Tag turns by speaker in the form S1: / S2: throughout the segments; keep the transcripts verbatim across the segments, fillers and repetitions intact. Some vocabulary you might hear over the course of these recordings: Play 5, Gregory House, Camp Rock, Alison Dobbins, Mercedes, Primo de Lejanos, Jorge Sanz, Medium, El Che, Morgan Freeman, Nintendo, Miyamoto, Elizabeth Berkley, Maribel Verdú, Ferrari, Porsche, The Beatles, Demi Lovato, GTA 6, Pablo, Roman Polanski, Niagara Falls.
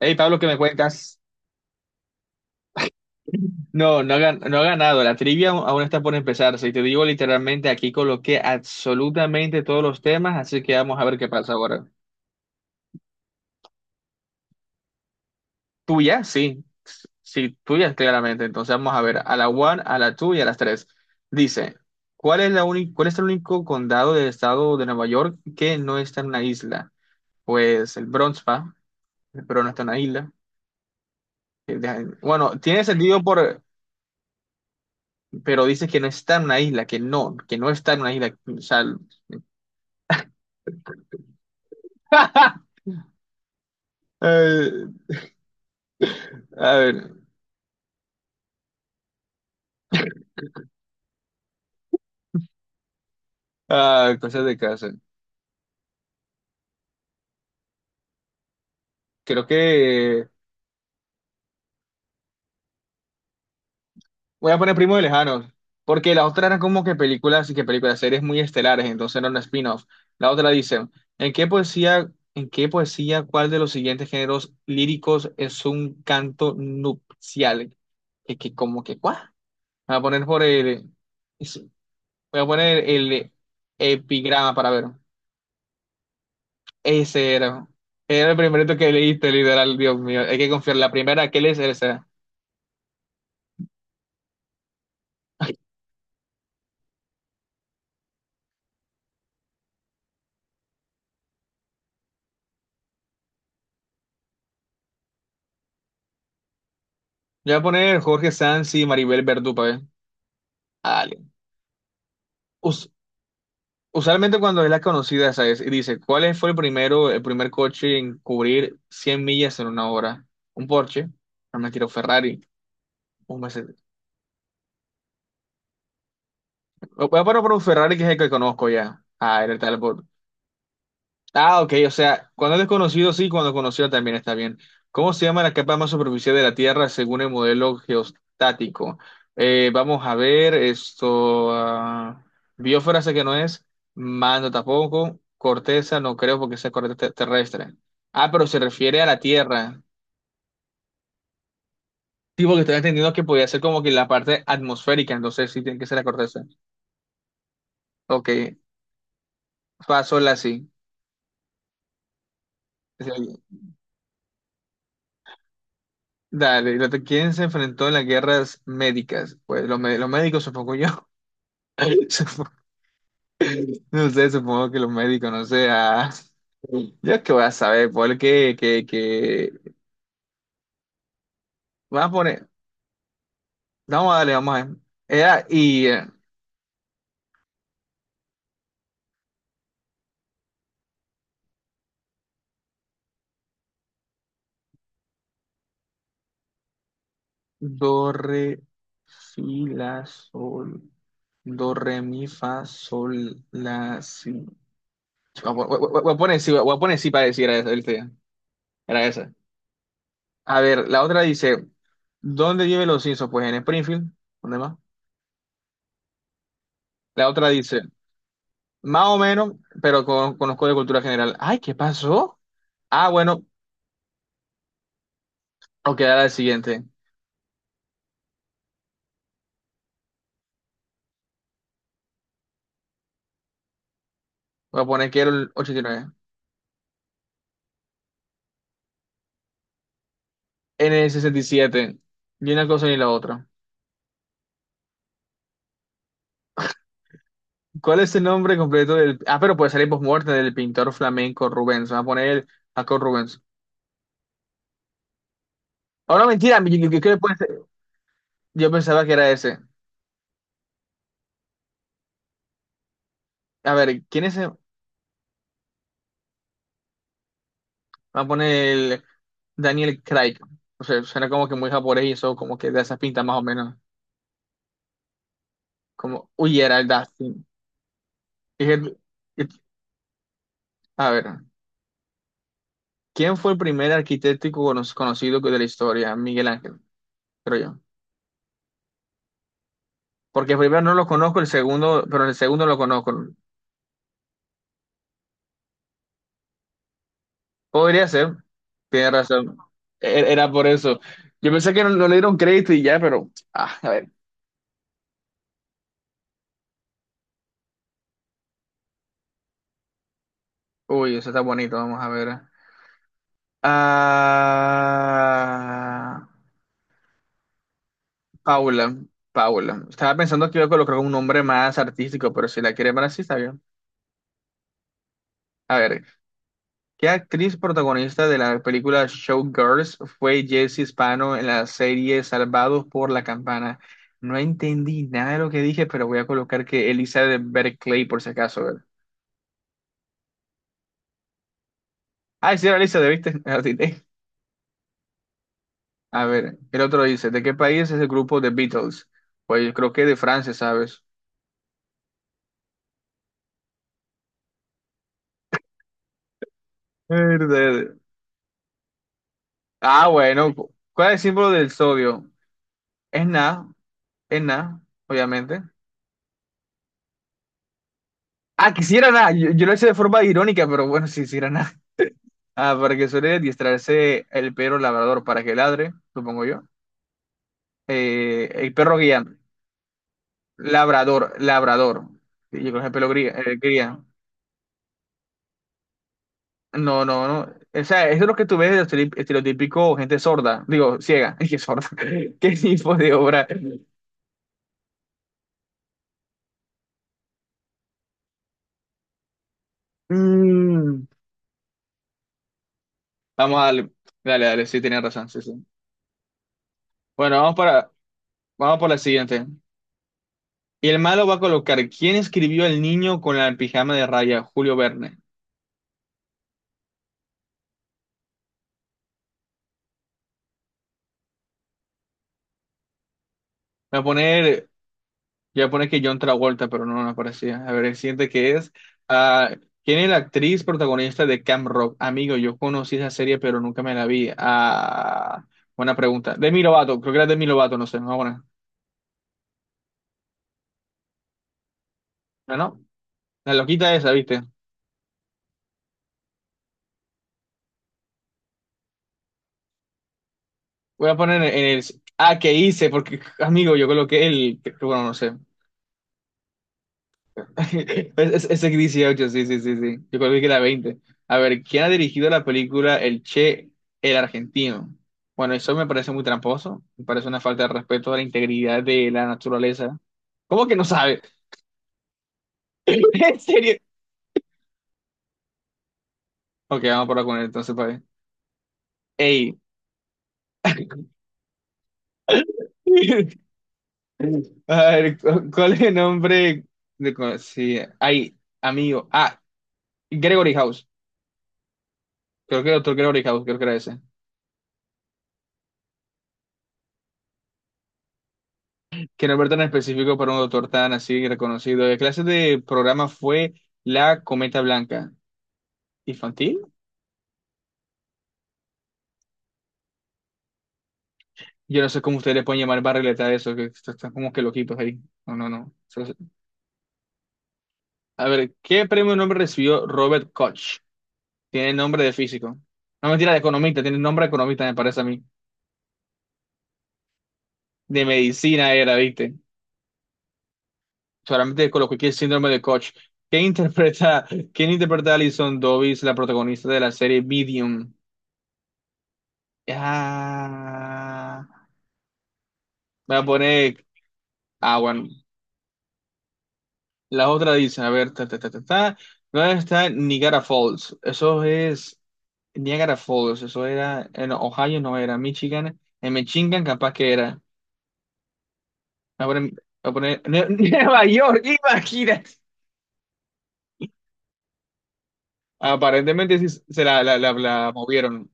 S1: Hey, Pablo, ¿qué me cuentas? No, no ha, gan- no ha ganado. La trivia aún aún está por empezarse. Y te digo literalmente, aquí coloqué absolutamente todos los temas, así que vamos a ver qué pasa ahora. Tuya, sí. Sí, tuya, claramente. Entonces vamos a ver a la one, a la two y a las tres. Dice, ¿cuál es la uni- cuál es el único condado del estado de Nueva York que no está en una isla? Pues el Bronx, ¿va? Pero no está en una isla. Eh, de- Bueno, tiene sentido por... pero dice que no está en una isla, que no, que no está en una isla. O sea, eh, a ver, ah, cosas de casa. Creo que voy a poner Primo de Lejanos, porque las otras eran como que películas y que películas, series muy estelares, entonces no eran spin-offs. La otra dice, ¿en qué poesía, en qué poesía, cuál de los siguientes géneros líricos es un canto nupcial? Que, que como que, ¿cuál? Voy a poner por el, voy a poner el epigrama para ver. Ese era. Era el primerito que leíste, literal, Dios mío. Hay que confiar. La primera que lees es esa. Yo voy a poner Jorge Sanz y Maribel Verdú para ver. Dale. Us- Usualmente cuando es la conocida, ¿sabes? Y dice, ¿cuál fue el primero, el primer coche en cubrir cien millas en una hora? Un Porsche. No me quiero Ferrari. Un Mercedes. Voy a poner por un Ferrari que es el que conozco ya. Ah, era el tal. Ah, ok, o sea, cuando es desconocido sí, cuando es conocido también está bien. ¿Cómo se llama la capa más superficial de la Tierra según el modelo geostático? Eh, vamos a ver, esto, ah, biosfera sé que no es, mando tampoco, corteza no creo porque sea corteza te- terrestre. Ah, pero se refiere a la Tierra. Sí, porque estoy entendiendo que podía ser como que la parte atmosférica, entonces sí tiene que ser la corteza. Ok, paso la sí. Dale, ¿y la- t- quién se enfrentó en las guerras médicas? Pues los, mé- los médicos, supongo yo. Supo- No sé, supongo que los médicos, no sé. ah. Yo es que voy a saber, porque que, que... Vamos a poner, vamos a darle, vamos a ver. Era y eh, do, re, si, la, sol, do, re, mi, fa, sol, la, si. Voy a, pon- voy a- voy a poner sí, voy a poner sí para decir era esa, ¿viste? Era esa. A ver, la otra dice, ¿dónde viven los Simpsons? Pues en Springfield, ¿dónde más? La otra dice, más o menos, pero con- conozco de cultura general. Ay, ¿qué pasó? Ah, bueno, ok, ahora el siguiente. Voy a poner que era el ochenta y nueve. En el sesenta y siete. Ni una cosa ni la otra. ¿Cuál es el nombre completo del... Ah, pero puede salir post-muerte del pintor flamenco Rubens. Vamos a poner el Jacob Rubens. Oh, no, mentira, yo, yo- yo- ¿qué puede ser? Yo pensaba que era ese. A ver, ¿quién es el... Vamos a poner el Daniel Craig. O sea, suena como que muy japonés y eso, como que de esas pintas más o menos. Como, uy, era el Dustin. Dije, it- a ver, ¿quién fue el primer arquitecto cono- conocido de la historia? Miguel Ángel, creo yo. Porque el primero no lo conozco, el segundo, pero el segundo lo conozco. Podría ser, tiene razón. E- Era por eso. Yo pensé que no, no le dieron crédito y ya, pero, ah, a ver. Uy, eso está bonito, vamos a ver. Ah. Paula, Paula. Estaba pensando que iba a colocar un nombre más artístico, pero si la quiere para así, está bien. A ver, ¿qué actriz protagonista de la película Showgirls fue Jessie Spano en la serie Salvados por la Campana? No entendí nada de lo que dije, pero voy a colocar que Elizabeth Berkley por si acaso. A ver. Ah, sí, era Elizabeth, ¿viste? La atiné. A ver, el otro dice, ¿de qué país es el grupo The Beatles? Pues yo creo que de Francia, ¿sabes? Verde. Ah, bueno, ¿cuál es el símbolo del sodio? Es nada. Es nada, obviamente. Ah, quisiera nada. Yo, yo lo hice de forma irónica, pero bueno, si quisiera nada. Ah, para que suele distraerse el perro labrador para que ladre, supongo yo. Eh, el perro guía. Labrador, labrador. Sí, Yo creo que es el pelo gría- eh, guía. No, no, no. O sea, eso es lo que tú ves de estere- estereotípico gente sorda. Digo, ciega. Qué sorda. ¿Qué tipo de obra? Mm. Vamos a darle. Dale, dale, sí, tienes razón, sí, sí. Bueno, vamos para, vamos por la siguiente. Y el malo va a colocar, ¿quién escribió El niño con la pijama de raya? Julio Verne. Voy a poner, voy a poner que John Travolta, pero no, no aparecía. A ver, el siguiente que es, ah, ¿quién es la actriz protagonista de Camp Rock? Amigo, yo conocí esa serie, pero nunca me la vi. Ah, buena pregunta. Demi Lovato, creo que era Demi Lovato, no sé, no, bueno. No, no, la loquita esa, ¿viste? Voy a poner en el, ah, ¿qué hice? Porque, amigo, yo coloqué el, bueno, no sé. Es, ese es dieciocho, sí, sí, sí, sí. Yo creo que era veinte. A ver, ¿quién ha dirigido la película El Che, el argentino? Bueno, eso me parece muy tramposo. Me parece una falta de respeto a la integridad de la naturaleza. ¿Cómo que no sabe? ¿En serio? Ok, vamos por acá con él entonces, para ver. Ey. A ver, ¿cu- ¿cuál es el nombre de... cu- Sí, ay, amigo. Ah, Gregory House. Creo que el otro Gregory House, creo que era ese. Quiero ver tan específico para un doctor tan así reconocido. La clase de programa fue la Cometa Blanca. ¿Infantil? Yo no sé cómo ustedes le pueden llamar barrileta a eso, que están están como que loquitos ahí. No, no, no. Eso es- A ver, ¿qué premio nombre recibió Robert Koch? Tiene nombre de físico. No, mentira, de economista. Tiene nombre de economista, me parece a mí. De medicina era, ¿viste? Solamente coloqué aquí el síndrome de Koch. ¿Quién interpreta, quién interpreta a Alison Dobbins, la protagonista de la serie Medium? Ah. Voy a poner. Ah, bueno. La otra dice, a ver, ta, ta, ta, ta, ta. ¿Dónde está Niagara Falls? Eso es Niagara Falls. Eso era en Ohio, no era Michigan. En Michigan, capaz que era. Voy a poner, voy a poner Ne- Nueva York, imagínate. Aparentemente sí se la, la, la, la movieron.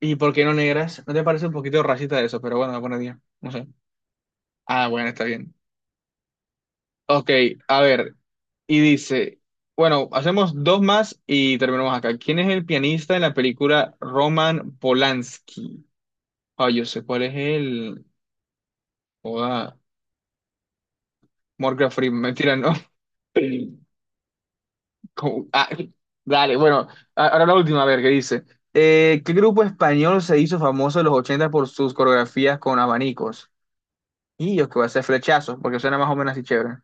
S1: ¿Y por qué no negras? ¿No te parece un poquito racista eso? Pero bueno, buena día. No sé. Ah, bueno, está bien. Ok, a ver, y dice, bueno, hacemos dos más y terminamos acá. ¿Quién es el pianista en la película Roman Polanski? Ah, yo sé cuál es el... Joda, Morgan Freeman, mentira, no. Como- ah, dale, bueno, a- ahora la última, a ver, ¿qué dice? Eh, ¿qué grupo español se hizo famoso en los ochenta por sus coreografías con abanicos? Y yo que voy a hacer flechazos, porque suena más o menos así chévere.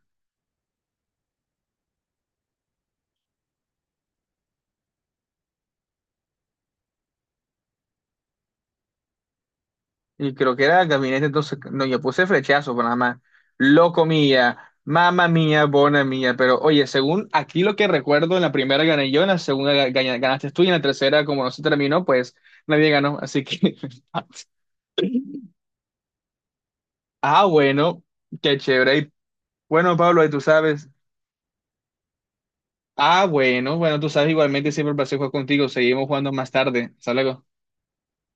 S1: Y creo que era el gabinete, entonces, no, yo puse flechazo, pero nada más. Loco mía, mamá mía, bona mía. Pero oye, según aquí lo que recuerdo, en la primera gané yo, en la segunda ga- ga- ganaste tú y en la tercera, como no se terminó, pues nadie ganó. Así que. Ah, bueno, qué chévere. Y, Bueno, Pablo, y tú sabes. Ah, bueno, bueno, tú sabes igualmente, siempre un placer jugar contigo. Seguimos jugando más tarde. Hasta luego.